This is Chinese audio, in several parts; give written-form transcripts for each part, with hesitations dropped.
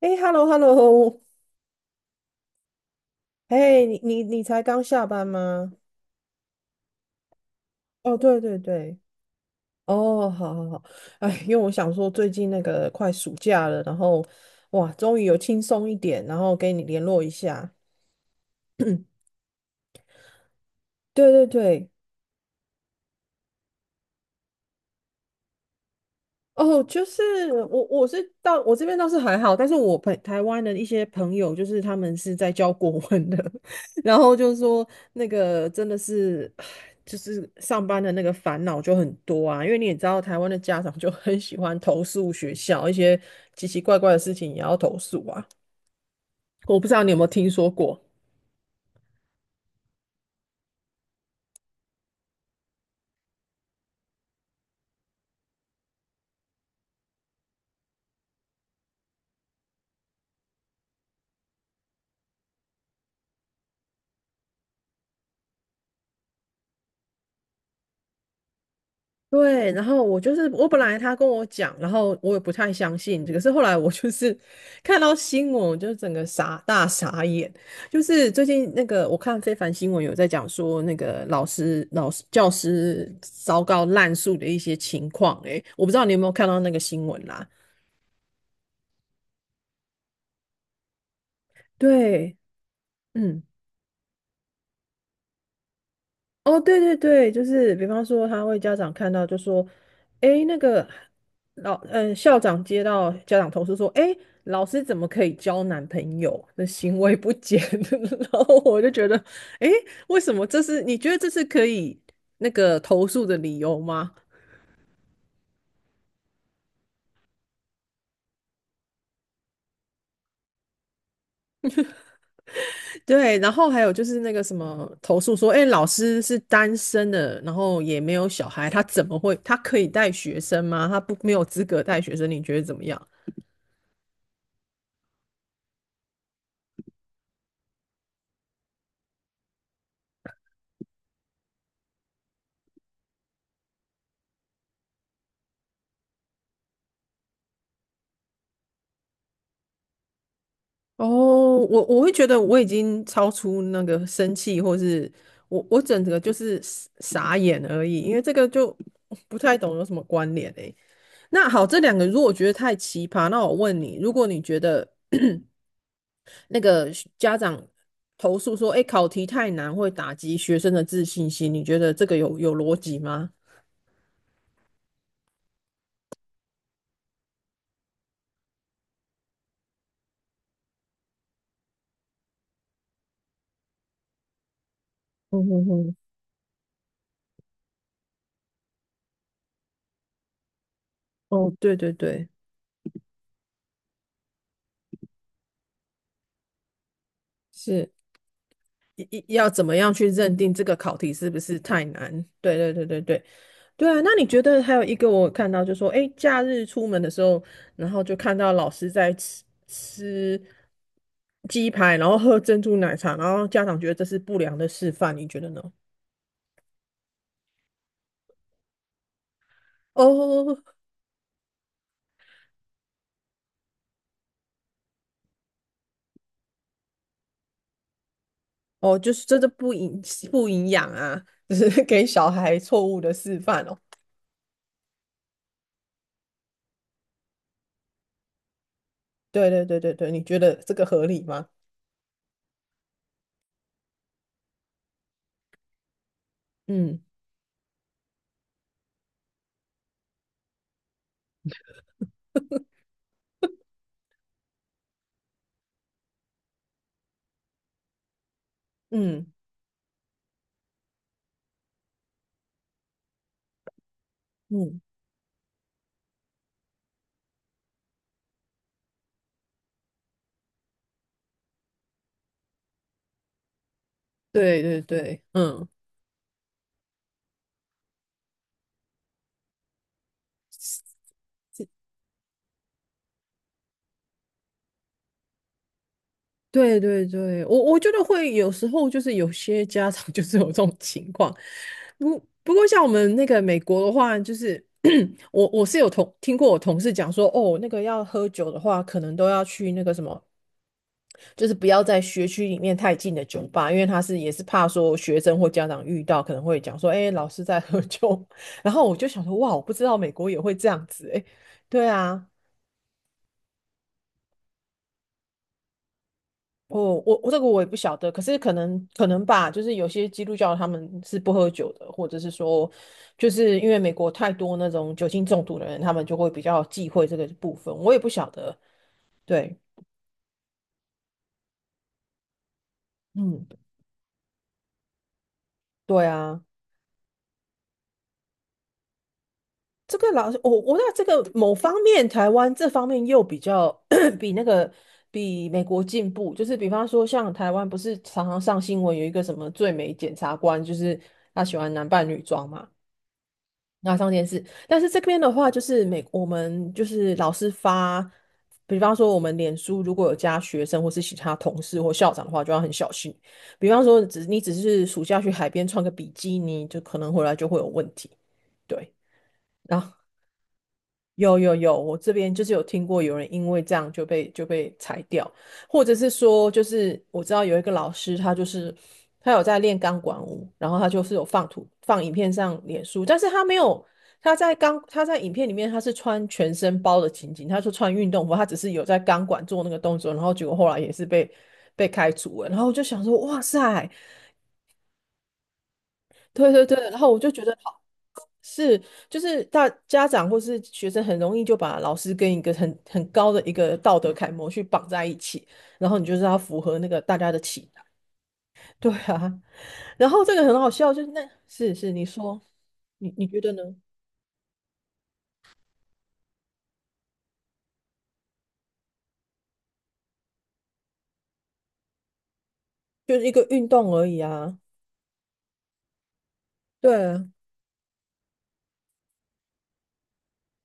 哎，hello，hello，哎，你才刚下班吗？哦，对对对。哦，好好好。哎，因为我想说最近那个快暑假了，然后哇，终于有轻松一点，然后跟你联络一下。对对对。哦，就是我是到我这边倒是还好，但是台湾的一些朋友，就是他们是在教国文的，然后就说那个真的是，唉，就是上班的那个烦恼就很多啊，因为你也知道台湾的家长就很喜欢投诉学校，一些奇奇怪怪的事情也要投诉啊。我不知道你有没有听说过。对，然后我就是我本来他跟我讲，然后我也不太相信，可是后来我就是 看到新闻，我就整个傻眼。就是最近那个我看非凡新闻有在讲说那个老师、老师、教师糟糕滥诉的一些情况。诶，我不知道你有没有看到那个新闻啦？对，嗯。哦，对对对，就是比方说，家长看到就说，诶，那个校长接到家长投诉说，诶，老师怎么可以交男朋友的行为不检？然后我就觉得，诶，为什么你觉得这是可以那个投诉的理由吗？对。然后还有就是那个什么投诉说，哎，老师是单身的，然后也没有小孩，他怎么会他可以带学生吗？他不没有资格带学生，你觉得怎么样？哦，我会觉得我已经超出那个生气，或是我整个就是傻眼而已，因为这个就不太懂有什么关联诶。那好，这两个如果觉得太奇葩，那我问你，如果你觉得那个家长投诉说，哎，考题太难会打击学生的自信心，你觉得这个有逻辑吗？嗯哼哼。哦，对对对，是要怎么样去认定这个考题是不是太难？对对对对对。对啊，那你觉得还有一个我看到就说，诶，假日出门的时候，然后就看到老师在吃鸡排，然后喝珍珠奶茶，然后家长觉得这是不良的示范，你觉得呢？哦哦，就是真的不营养啊，就是给小孩错误的示范哦。对对对对对，你觉得这个合理吗？嗯嗯嗯，对对对，嗯。对对对，我觉得会有时候就是有些家长 就是有这种情况。不不过像我们那个美国的话，就是 我是有听过我同事讲说，哦，那个要喝酒的话，可能都要去那个什么，就是不要在学区里面太近的酒吧，因为也是怕说学生或家长遇到可能会讲说，哎，老师在喝酒。然后我就想说，哇，我不知道美国也会这样子，哎，对啊。哦，我这个我也不晓得，可是可能吧，就是有些基督教他们是不喝酒的，或者是说，就是因为美国太多那种酒精中毒的人，他们就会比较忌讳这个部分，我也不晓得。对。嗯，对啊，这个老师我那这个某方面，台湾这方面又比较 比那个比美国进步，就是比方说像台湾不是常常上新闻有一个什么最美检察官，就是他喜欢男扮女装嘛。那上电视，但是这边的话，就是我们就是老师发，比方说我们脸书如果有加学生或是其他同事或校长的话，就要很小心。比方说你只是暑假去海边穿个比基尼，就可能回来就会有问题。对。然后有有有，我这边就是有听过有人因为这样就被裁掉，或者是说，就是我知道有一个老师，他就是他有在练钢管舞，然后他就是有放影片上脸书，但是他没有他在影片里面他是穿全身包的情景，他说穿运动服，他只是有在钢管做那个动作，然后结果后来也是被开除了，然后我就想说，哇塞。对对对，然后我就觉得好是，就是大家长或是学生很容易就把老师跟一个很高的一个道德楷模去绑在一起，然后你就是要符合那个大家的期待。对啊，然后这个很好笑，就是那是你说，你觉得呢？就是一个运动而已啊。对。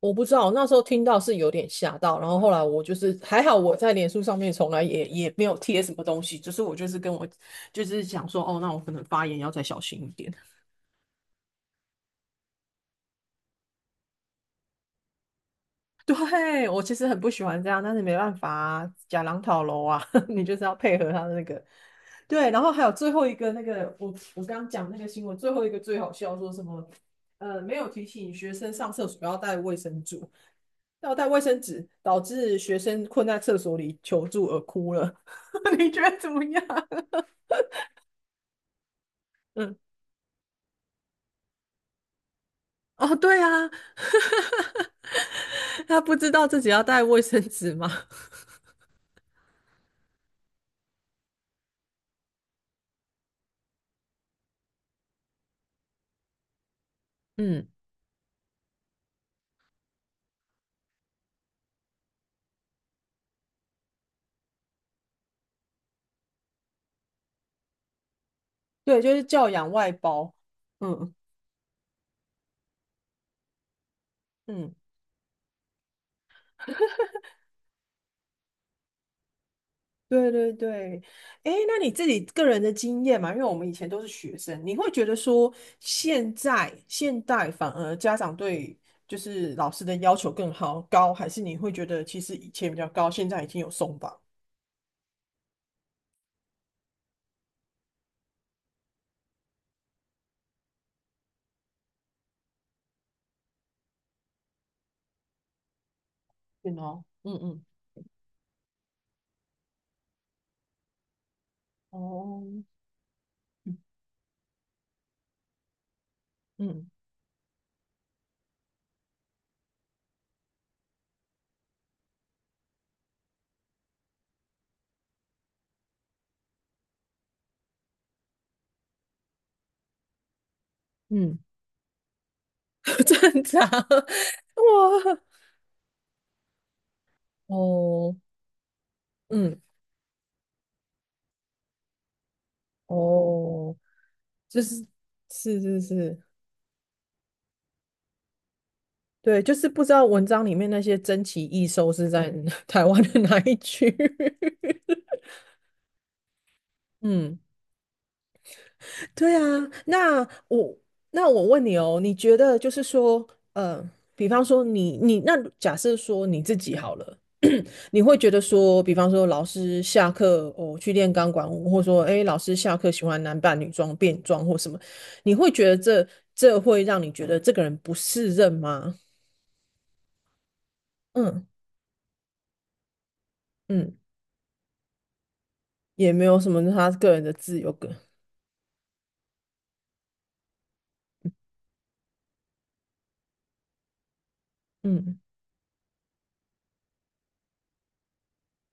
我不知道，那时候听到是有点吓到，然后后来我就是还好，我在脸书上面从来也没有贴什么东西，只是我就是就是想说，哦，那我可能发言要再小心一点。对，我其实很不喜欢这样，但是没办法啊，假狼讨楼啊，你就是要配合他的那个。对。然后还有最后一个那个，我刚刚讲那个新闻，最后一个最好笑，说什么没有提醒学生上厕所要带卫生纸，要带卫生纸，导致学生困在厕所里求助而哭了。你觉得怎么样？嗯。哦，对啊。他不知道自己要带卫生纸吗？嗯。对，就是教养外包。嗯嗯。对对对。哎，那你自己个人的经验嘛，因为我们以前都是学生，你会觉得说现代反而家长对就是老师的要求更高，还是你会觉得其实以前比较高，现在已经有松绑？对哦，嗯嗯。哦，嗯嗯。嗯。正常。哇。哦。嗯。哦。就是是是是。对，就是不知道文章里面那些珍奇异兽是在 台湾的哪一区。嗯。对啊。那我那我问你哦，你觉得就是说，呃，比方说你那假设说你自己好了。你会觉得说，比方说老师下课去练钢管舞，或者说诶老师下课喜欢男扮女装、变装或什么，你会觉得这会让你觉得这个人不适任吗？嗯嗯。也没有什么，他个人的自由。嗯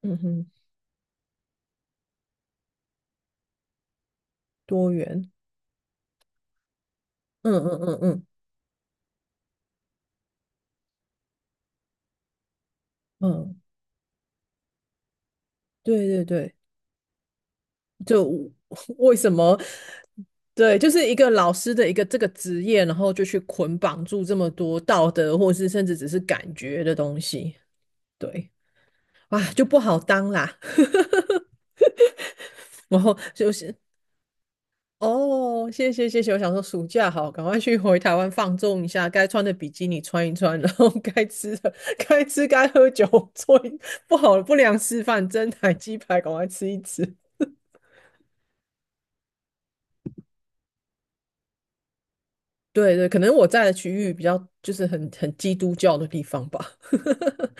嗯哼。多元。嗯嗯嗯嗯。嗯。对对对，就 为什么？对，就是一个老师的一个这个职业，然后就去捆绑住这么多道德，或是甚至只是感觉的东西。对。啊，就不好当啦。然后就是，哦，谢谢谢谢。我想说暑假好，赶快去回台湾放纵一下，该穿的比基尼穿一穿，然后该吃该喝酒，做一不好的不良示范，蒸奶鸡排赶快吃一吃。对对，可能我在的区域比较就是很基督教的地方吧。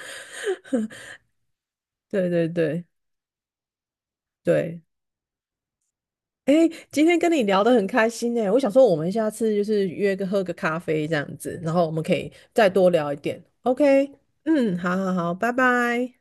对对对对。哎，今天跟你聊得很开心哎，我想说我们下次就是约个喝个咖啡这样子，然后我们可以再多聊一点。OK。嗯，好好好，拜拜。